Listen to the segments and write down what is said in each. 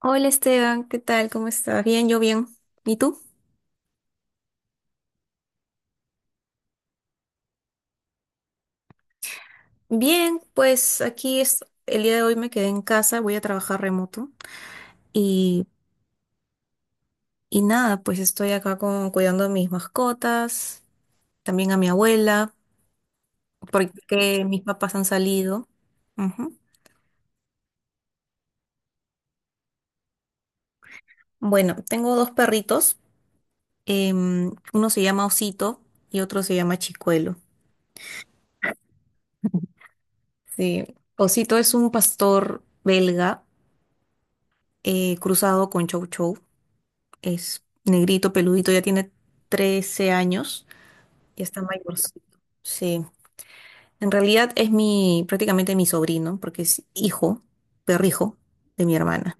Hola Esteban, ¿qué tal? ¿Cómo estás? Bien, yo bien. ¿Y tú? Bien, pues aquí es, el día de hoy me quedé en casa, voy a trabajar remoto y, y nada, pues estoy acá con, cuidando a mis mascotas, también a mi abuela, porque mis papás han salido. Ujú. Bueno, tengo dos perritos, uno se llama Osito y otro se llama Chicuelo. Sí, Osito es un pastor belga cruzado con Chow Chow. Es negrito, peludito, ya tiene 13 años, ya está mayorcito. Sí, en realidad es mi, prácticamente mi sobrino, porque es hijo, perrijo de mi hermana.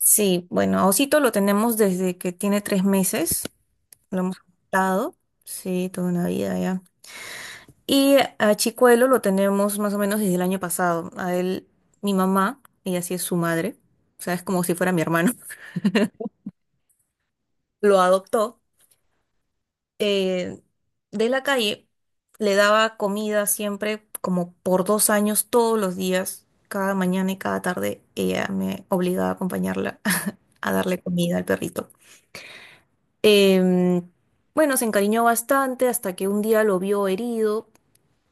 Sí, bueno, a Osito lo tenemos desde que tiene 3 meses, lo hemos adoptado, sí, toda una vida ya. Y a Chicuelo lo tenemos más o menos desde el año pasado. A él, mi mamá, ella sí es su madre, o sea, es como si fuera mi hermano, lo adoptó eh, de la calle. Le daba comida siempre, como por 2 años, todos los días, cada mañana y cada tarde, ella me obligaba a acompañarla a darle comida al perrito. Em, bueno, se encariñó bastante hasta que un día lo vio herido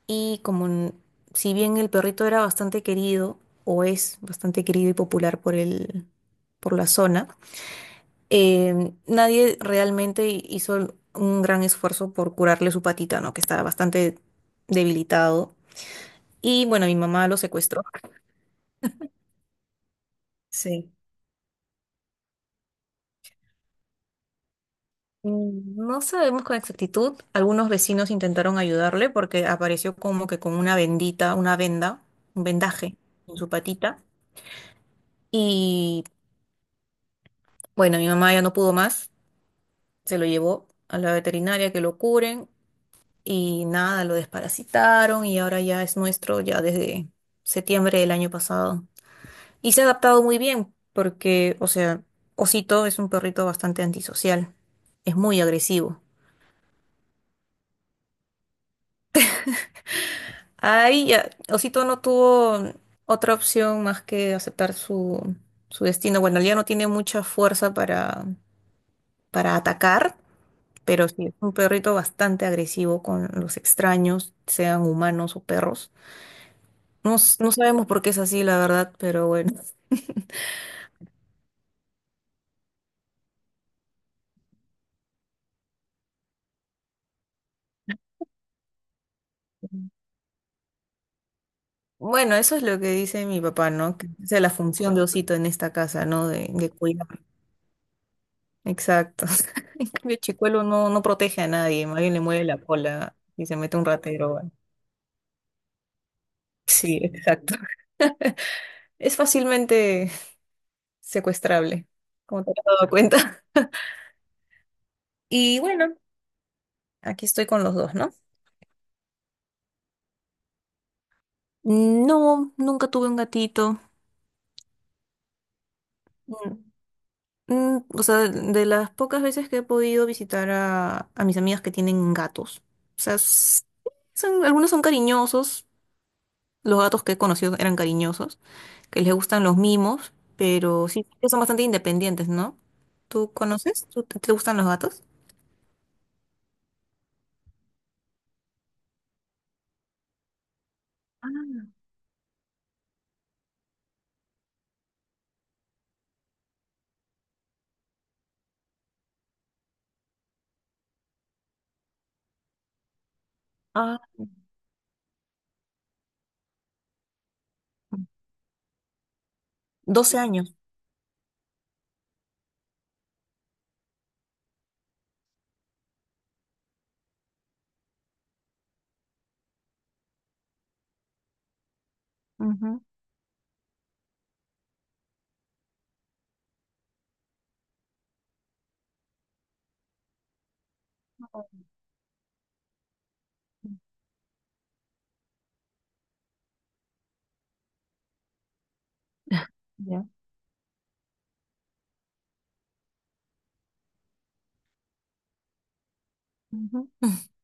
y si bien el perrito era bastante querido, o es bastante querido y popular por el, por la zona, nadie realmente hizo un gran esfuerzo por curarle su patita, ¿no? Que estaba bastante debilitado. Y bueno, mi mamá lo secuestró. Sí. No sabemos con exactitud. Algunos vecinos intentaron ayudarle porque apareció como que con una vendita, una venda, un vendaje en su patita. Y bueno, mi mamá ya no pudo más. Se lo llevó a la veterinaria que lo curen. Y nada, lo desparasitaron y ahora ya es nuestro, ya desde septiembre del año pasado. Y se ha adaptado muy bien, porque, o sea, Osito es un perrito bastante antisocial, es muy agresivo. Ahí ya, Osito no tuvo otra opción más que aceptar su destino. Bueno, ya no tiene mucha fuerza para atacar, pero sí es un perrito bastante agresivo con los extraños, sean humanos o perros. No, no sabemos por qué es así, la verdad, pero bueno. Bueno, eso es lo que dice mi papá, ¿no? Que esa es la función de Osito en esta casa, ¿no? De cuidar. Exacto. En cambio, Chicuelo no, no protege a nadie, más bien le mueve la cola y se mete un ratero. ¿Va? Sí, exacto. Es fácilmente secuestrable, como te has dado cuenta. Y bueno, aquí estoy con los dos, ¿no? No, nunca tuve un gatito. Mm. O sea, de las pocas veces que he podido visitar a mis amigas que tienen gatos. O sea, son, algunos son cariñosos, los gatos que he conocido eran cariñosos, que les gustan los mimos, pero sí, que son bastante independientes, ¿no? ¿Tú conoces? ¿Te gustan los gatos? Ah, 12 años. Ujú. Ya. Ujú.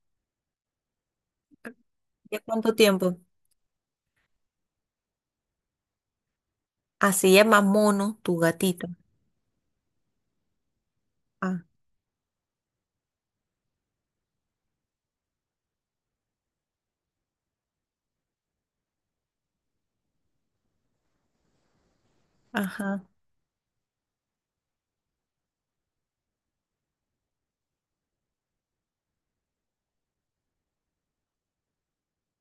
¿Ya cuánto tiempo? Ah, se llama Mono, tu gatito. Ah, ajá.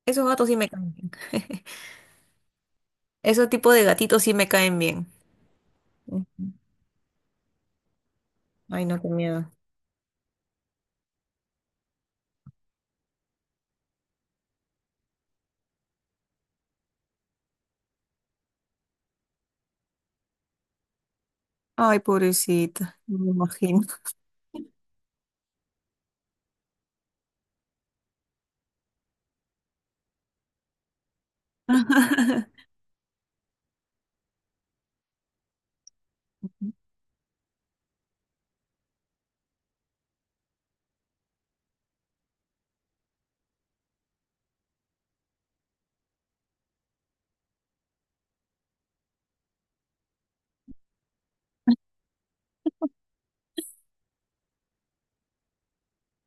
Esos gatos sí me cambian. Ese tipo de gatitos sí me caen bien. Ujú. Ay, no, qué miedo. Ay, pobrecita, no me imagino.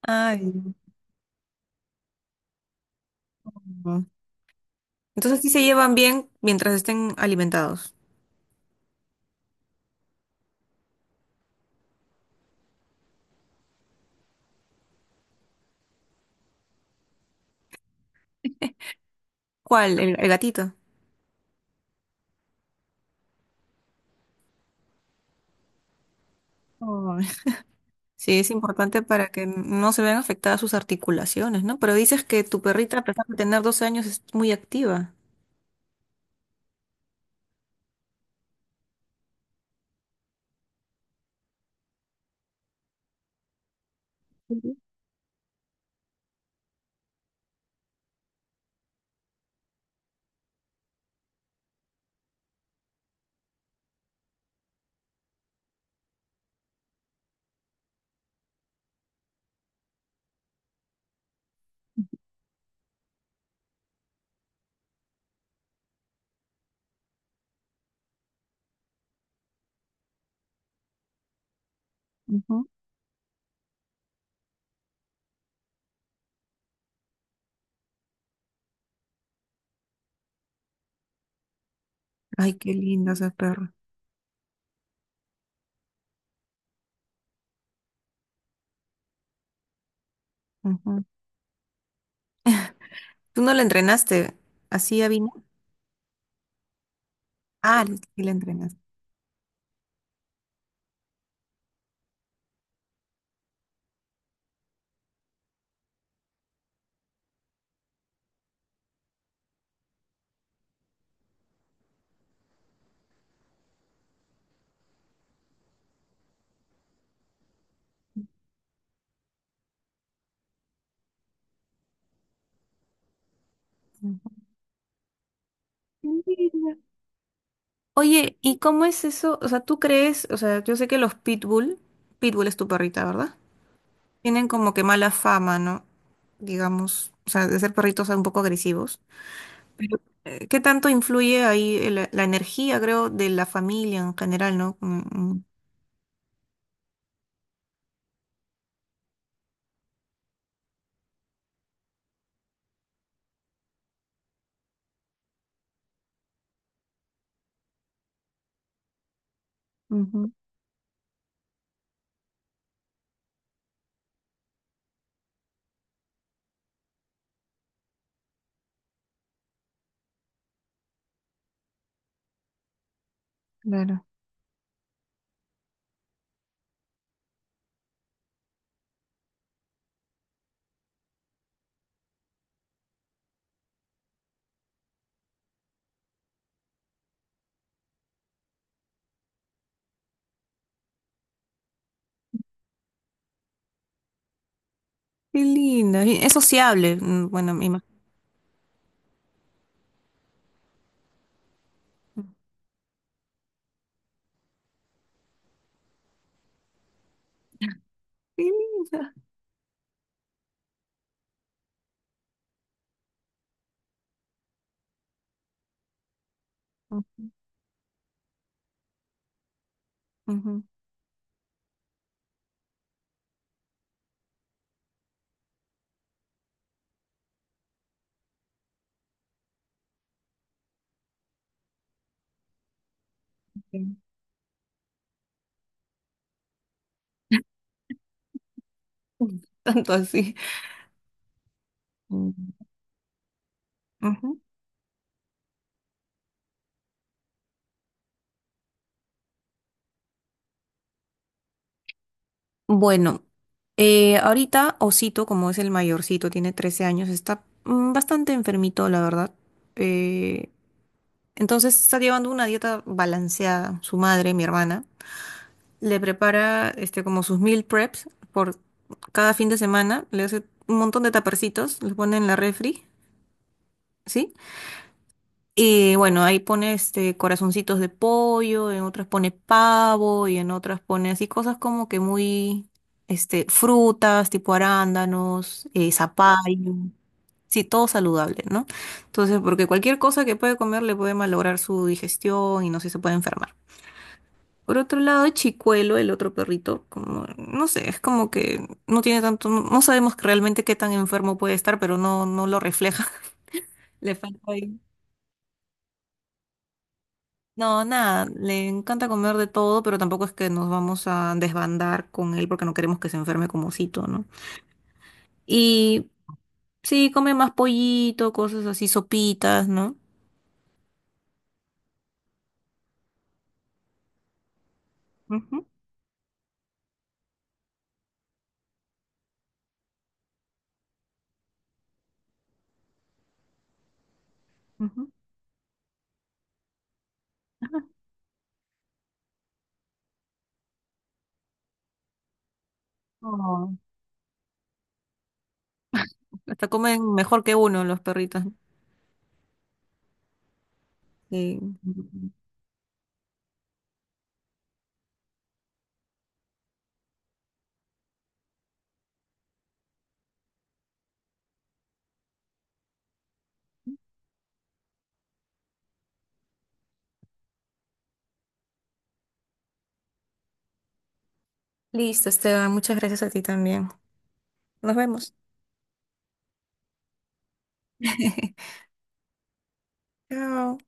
Ay, no. Entonces sí se llevan bien mientras estén alimentados. ¿Cuál? ¿El gatito? Ay. Sí, es importante para que no se vean afectadas sus articulaciones, ¿no? Pero dices que tu perrita, a pesar de tener 12 años, es muy activa. Ujú. Ujú. Ay, qué linda esa perra. Ujú. ¿Tú no la entrenaste así, Avina? Ah, sí la entrenaste. Ujú. Qué linda. Oye, ¿y cómo es eso? O sea, ¿tú crees? O sea, yo sé que los pitbull, pitbull es tu perrita, ¿verdad? Tienen como que mala fama, ¿no? Digamos, o sea, de ser perritos un poco agresivos. Pero, ¿qué tanto influye ahí la energía, creo, de la familia en general, ¿no? Mm, mm. Ujú, claro. Qué linda. Y es sociable. Bueno, me imagino. Qué linda. Mm, ujú. Ok. Tanto así. Mm. Ujú. Bueno, ahorita Osito, como es el mayorcito, tiene 13 años, está bastante enfermito, la verdad. Eh, entonces está llevando una dieta balanceada. Su madre, mi hermana, le prepara este, como sus meal preps por cada fin de semana. Le hace un montón de tapercitos, los pone en la refri, ¿sí? Y bueno, ahí pone este corazoncitos de pollo, en otras pone pavo y en otras pone así cosas como que muy este frutas tipo arándanos, zapallo, sí, todo saludable, ¿no? Entonces, porque cualquier cosa que puede comer le puede malograr su digestión y no sé, se puede enfermar. Por otro lado, Chicuelo, el otro perrito, como, no sé, es como que no tiene tanto, no, no sabemos realmente qué tan enfermo puede estar, pero no, no lo refleja. Le falta ahí. No, nada, le encanta comer de todo, pero tampoco es que nos vamos a desbandar con él porque no queremos que se enferme como Cito, ¿no? Y sí, come más pollito, cosas así, sopitas, no. Ujú, ujú. Oh, hasta comen mejor que uno los perritos. Sí. Listo, Esteban, muchas gracias a ti también. Nos vemos. Chao.